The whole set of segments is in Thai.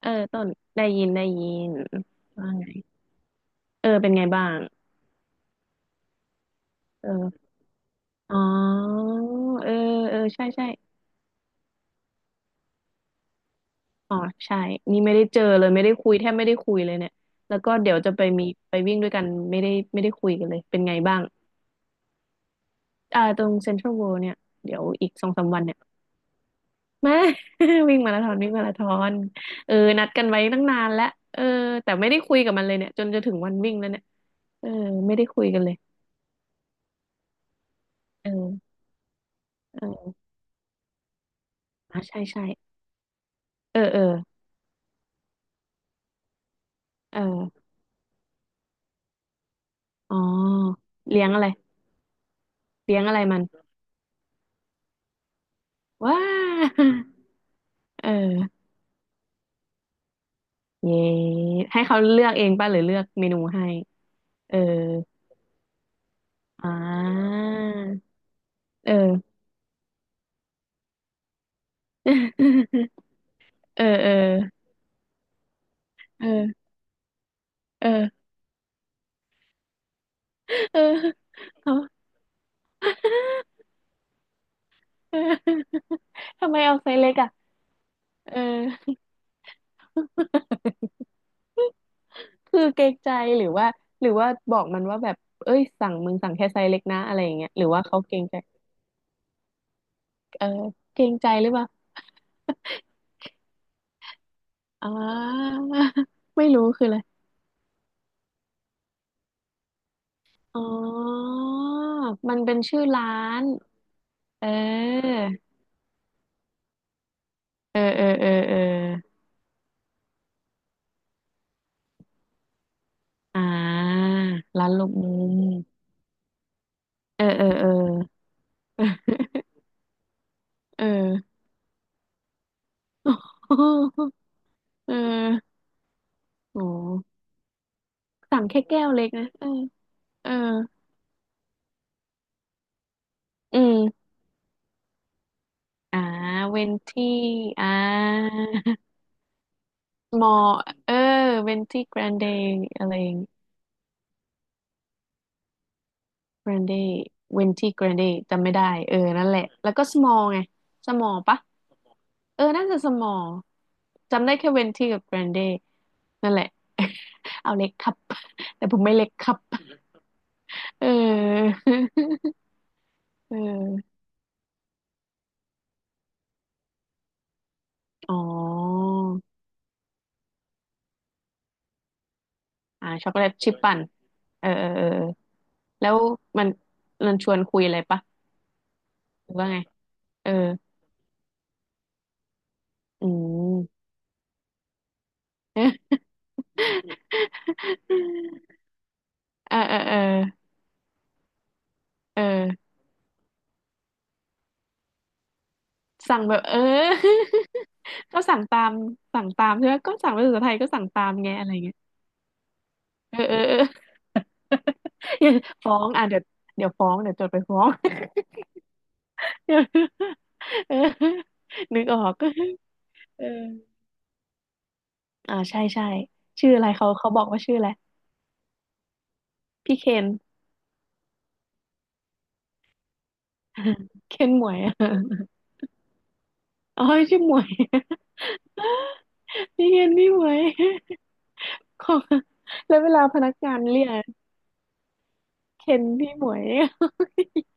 เออต้นได้ยินได้ยินว่าไงเออเป็นไงบ้างเอออ๋อเออใช่อ๋อ ใช่ นี่ไม่ได้เจอเลย ไม่ได้คุยแทบไม่ได้คุยเลยเนี่ยแล้วก็เดี๋ยวจะไปมีไปวิ่งด้วยกันไม่ได้คุยกันเลย เป็นไงบ้างตรงเซ็นทรัลเวิลด์เนี่ยเดี๋ยวอีกสองสามวันเนี่ยมา วิ่งมาราธอนวิ่งมาราธอนเออนัดกันไว้ตั้งนานแล้วเออแต่ไม่ได้คุยกับมันเลยเนี่ยจนจะถึงวันวิ่งแล้วเนี่ยเออไม่ได้คุยกันเลยเออเอออ่ะใช่ใช่เออเออเออ อ๋อเลี้ยงอะไรเลี้ยงอะไรมันว้าเออเย้ให้เขาเลือกเองป่ะหรือเลือกเมนูให้เอออ่าเออ เออเออเออเออเออเอา เออทำไมเอาไซส์เล็กอ่ะเออ คือเกรงใจหรือว่าหรือว่าบอกมันว่าแบบเอ้ยสั่งแค่ไซส์เล็กนะอะไรอย่างเงี้ยหรือว่าเขาเกรงใจเออเกรงใจหรือเปล่า อ่า ไม่รู้คืออะไรอ๋อมันเป็นชื่อร้านเออเออเออเออเอออ่าร้านลูกมุมเออเออเออ เออ เออโอ้สั่งแค่แก้วเล็กนะเออเอออืมอ่าเวนที่อ่ามอเออเวนที่แกรนเดย์อะไรอย่าง แกรนเดเวนตี้แกรนเดจำไม่ได้เออนั่นแหละแล้วก็สมอลไงสมอลปะเออน่าจะสมอลจำได้แค่เวนตีกับแกรนเดนั่นแหละ เอาเล็กครับ แต่ผมไม่เล็กครับ เออ เอออ๋อช็อกโกแลตชิปปั่นเออเออเออเออแล้วมันมันชวนคุยอะไรปะหรือว่าไงเอออืม เออเออเออเออ สั่งแบบ ก็สั่งตามใช่ไหมก็สั่งเป็นภาษาไทยก็สั่งตามไงอะไรเงี้ยเออเออเออ อย่าฟ้องอ่ะเดี๋ยวฟ้องเดี๋ยวจดไปฟ้อง เดี๋ยวเออนึกออกเอออ่าใช่ใช่ชื่ออะไรเขาบอกว่าชื่ออะไร พี่เคน เคนหมวย อะอ๋อชื่อหมวย พี่เคนพี่หมวย ของแล้วเวลาพนักงานเรียกเคนพี่หมวย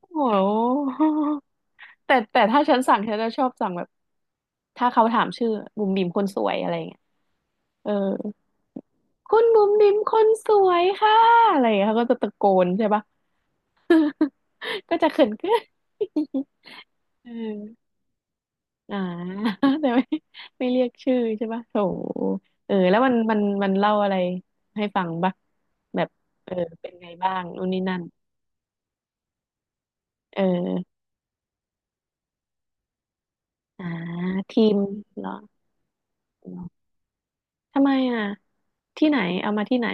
โอ้โห แต่ถ้าฉันสั่งฉันจะชอบสั่งแบบถ้าเขาถามชื่อบุ๋มบิ๋มคนสวยอะไรเงี้ยเออคุณบุ๋มบิ๋มคนสวยค่ะอะไรเงี้ยเขาก็จะตะโกนใช่ปะ ก็จะเขินเกิน เอออ่า แต่ไม่ไม่เรียกชื่อใช่ปะโถเออแล้วมันเล่าอะไรให้ฟังปะแบบเออเป็นไงบ้างนู่นนี่นั่นเอออ่าทีมเหรอเหรอทำไมอ่ะที่ไหนเอามาที่ไหน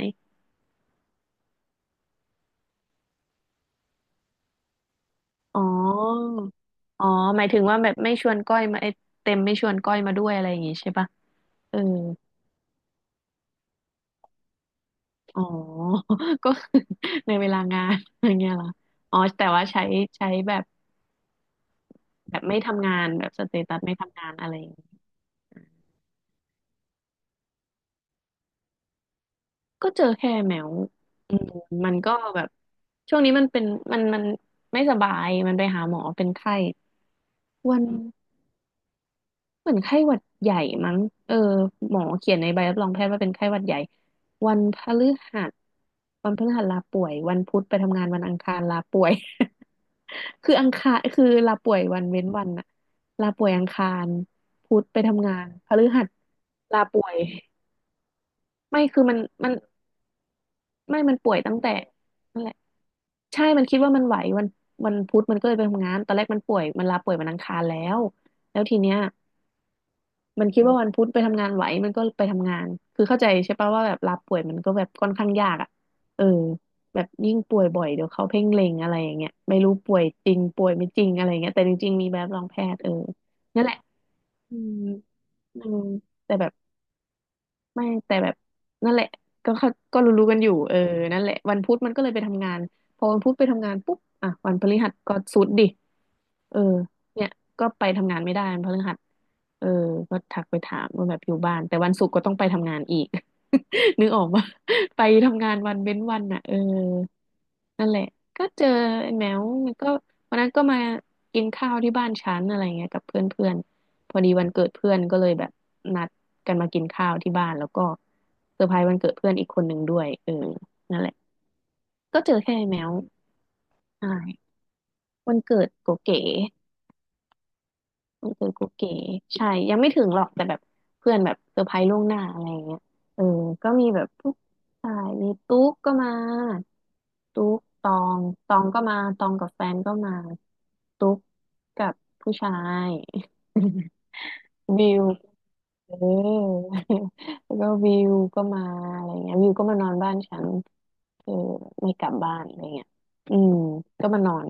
อ๋ออ๋อหมายถึงว่าแบบไม่ชวนก้อยมาไอ้เต็มไม่ชวนก้อยมาด้วยอะไรอย่างงี้ใช่ปะเอออ๋อ ก็คือในเวลางาน อย่างเงี้ยเหรออ๋อแต่ว่าใช้แบบแบบไม่ทำงานแบบสเตตัสไม่ทำงานอะไรอย่างงี้ก็เจอแค่แมวอืมมันก็แบบช่วงนี้มันเป็นมันไม่สบายมันไปหาหมอเป็นไข้วัน เหมือนไข้หวัดใหญ่มั้งเออหมอเขียนในใบรับรองแพทย์ว่าเป็นไข้หวัดใหญ่วันพฤหัสวันพฤหัสลาป่วยวันพุธไปทำงานวันอังคารลาป่วย คืออังคารคือลาป่วยวันเว้นวันอะลาป่วยอังคาร พุธไปทำงานพฤหัสลาป่วย ไม่คือมันมันไม่ มันป่วยตั้งแต่นั่นแหละใช่ มันคิดว่ามันไหววันพุธมันก็เลยไปทำงานตอนแรกมันป่วยมันลาป่วยวันอังคารแล้วแล้วทีเนี้ย มันคิดว่าวันพุธไปทำงานไหวมันก็ไปทำงานคือเข้าใจใช่ปะว่าแบบลาป่วยมันก็แบบค่อนข้างยากอ่ะเออแบบยิ่งป่วยบ่อยเดี๋ยวเขาเพ่งเล็งอะไรอย่างเงี้ยไม่รู้ป่วยจริงป่วยไม่จริงอะไรอย่างเงี้ยแต่จริงๆมีแบบรองแพทย์เออนั่นแหละอืมอืมแต่แบบ แต่แบบนั่นแหละก็เข้าก็รู้ๆกันอยู่เออนั่นแหละวันพุธมันก็เลยไปทำงานพอวันพุธไปทำงานปุ๊บอ่ะวันพฤหัสก็สุดดิเออเนี่ยก็ไปทำงานไม่ได้วันพฤหัสเออก็ทักไปถามว่าแบบอยู่บ้านแต่วันศุกร์ก็ต้องไปทำงานอีก นึกออกปะไปทำงานวันเว้นวันอ่ะเออ นั่นแหละก็เจอไอ้แมวมันก็วันนั้นก็มากินข้าวที่บ้านฉันอะไรเงี้ยกับเพื่อนเพื่อนพอดีวันเกิดเพื่อนก็เลยแบบนัดกันมากินข้าวที่บ้านแล้วก็เซอร์ไพรส์วันเกิดเพื่อนอีกคนหนึ่งด้วยเออนั่นแหละก็เจอแค่ไอ้แมวใช่วันเกิดโกเก๋ เออกุ๊กเก๋ใช่ยังไม่ถึงหรอกแต่แบบเพื่อนแบบเซอร์ไพรส์ล่วงหน้าอะไรอย่างเงี้ยเออก็มีแบบพวกใช่มีตุ๊กก็มาตุ๊กตองตองก็มาตองกับแฟนก็มาตุ๊กกับผู้ชาย วิว เออ แล้วก็วิวก็มาอะไรเงี้ยวิวก็มานอนบ้านฉันคือไม่กลับบ้านอะไรเงี้ยอืมก็มานอน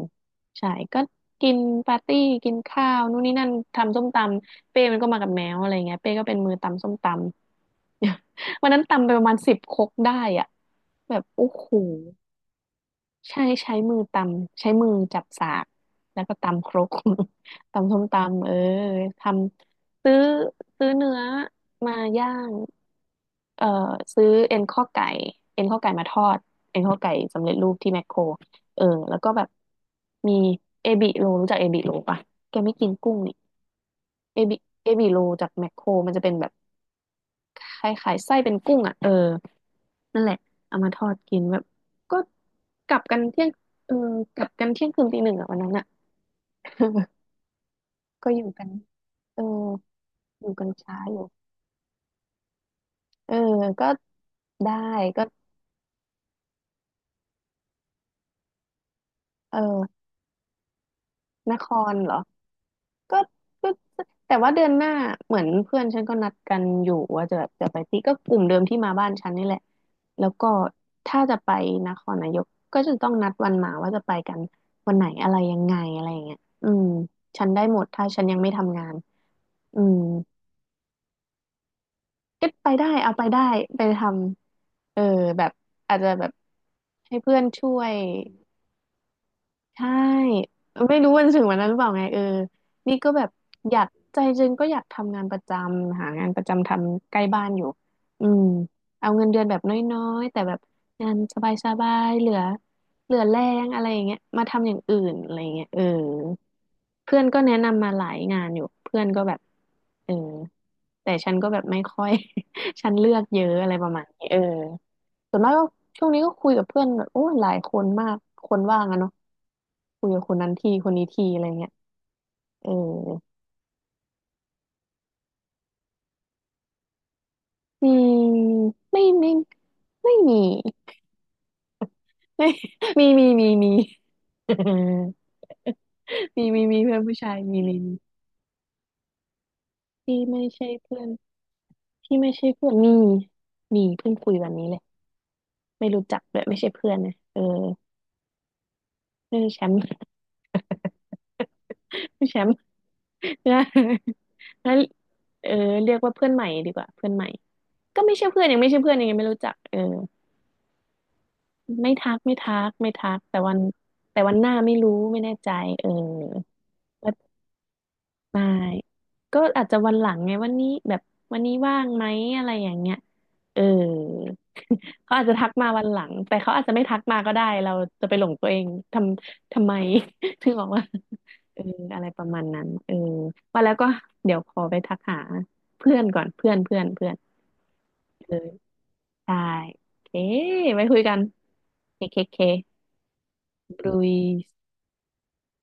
ใช่ก็กินปาร์ตี้กินข้าวนู่นนี่นั่นทำส้มตำเป้มันก็มากับแมวอะไรเงี้ยเป้ก็เป็นมือตำส้มตำ วันนั้นตำไปประมาณ10ครกได้อ่ะแบบโอ้โห ใช่ใช้มือตำใช้มือจับสากแล้วก็ตำครก ตำส้มตำเออทำซื้อซื้อเนื้อมาย่างเอ่อซื้อเอ็นข้อไก่เอ็นข้อไก่มาทอดเอ็นข้อไก่สำเร็จรูปที่แมคโครเออแล้วก็แบบมีเอบิโลรู้จักเอบิโลปะแกไม่กินกุ้งนี่เอบิเอบิโลจากแมคโครมันจะเป็นแบบ คล้ายๆไส้เป็นกุ้งอ่ะเออนั่นแหละเอามาทอดกินแบบก็กลับกันเที่ยงเออกลับกันเที่ยงคืนตี1อ่ะวันนั้นอ่ะ ก็อยู่กันเอออยู่กันช้าอยู่เออก็ได้ก็เออนครเหรอ ก็ก็แต่ว่าเดือนหน้าเหมือนเพื่อนฉันก็นัดกันอยู่ว่าจะแบบจะไปที่ก็กลุ่มเดิมที่มาบ้านฉันนี่แหละแล้วก็ถ้าจะไปนครนายกก็จะต้องนัดวันมาว่าจะไปกันวันไหนอะไรยังไงอะไรอย่างเงี้ยอืมฉันได้หมดถ้าฉันยังไม่ทำงานอืมก็ไปได้เอาไปได้ไปทำเออแบบอาจจะแบบให้เพื่อนช่วย ใช่ไม่รู้วันถึงวันนั้นหรือเปล่าไงเออนี่ก็แบบอยากใจจริงก็อยากทำงานประจำหางานประจำทำใกล้บ้านอยู่อืมเอาเงินเดือนแบบน้อยๆแต่แบบงานสบายๆเหลือเหลือแรงอะไรอย่างเงี้ยมาทำอย่างอื่นอะไรอย่างเงี้ยเออเพื่อนก็แนะนำมาหลายงานอยู่เพื่อนก็แบบเออแต่ฉันก็แบบไม่ค่อย ฉันเลือกเยอะอะไรประมาณนี้เออ ส่วนมากก็ช่วงนี้ก็คุยกับเพื่อนแบบโอ้ยหลายคนมากคนว่างอะเนาะคุยกับคนนั้นทีคนนี้ทีอะไรเงี้ยเอออืมไม่ไม่ไม่มี ไม่มีมีมีมี เออมีมีมีเพื่อนผู้ชายมีมีมีที่ไม่ใช่เพื่อนที่ไม่ใช่เพื่อนมีมีเพิ่งคุยวันนี้เลยไม่รู้จักเลยไม่ใช่เพื่อนนะเออไม่ใช่แชมป์ ไม่ใช่แชมป์ นะแล้วเออเรียกว่าเพื่อนใหม่ดีกว่าเพื่อนใหม่ ก็ไม่ใช่เพื่อนยังไม่ใช่เพื่อนยังไม่รู้จักเออไม่ทักไม่ทักไม่ทักแต่วันแต่วันหน้าไม่รู้ไม่แน่ใจเออก็ไม่ก็อาจจะวันหลังไงวันนี้แบบวันนี้ว่างไหมอะไรอย่างเงี้ยเออ เขาอาจจะทักมาวันหลังแต่เขาอาจจะไม่ทักมาก็ได้เราจะไปหลงตัวเองทำทำไม ถึงบอกว่าเอออะไรประมาณนั้นเออว่าแล้วก็เดี๋ยวขอไปทักหาเพื่อนก่อนเพื่อนเพื่อนเพื่อนเออ ได้เอ๊ะไว้คุยกันเคเคเคบรุย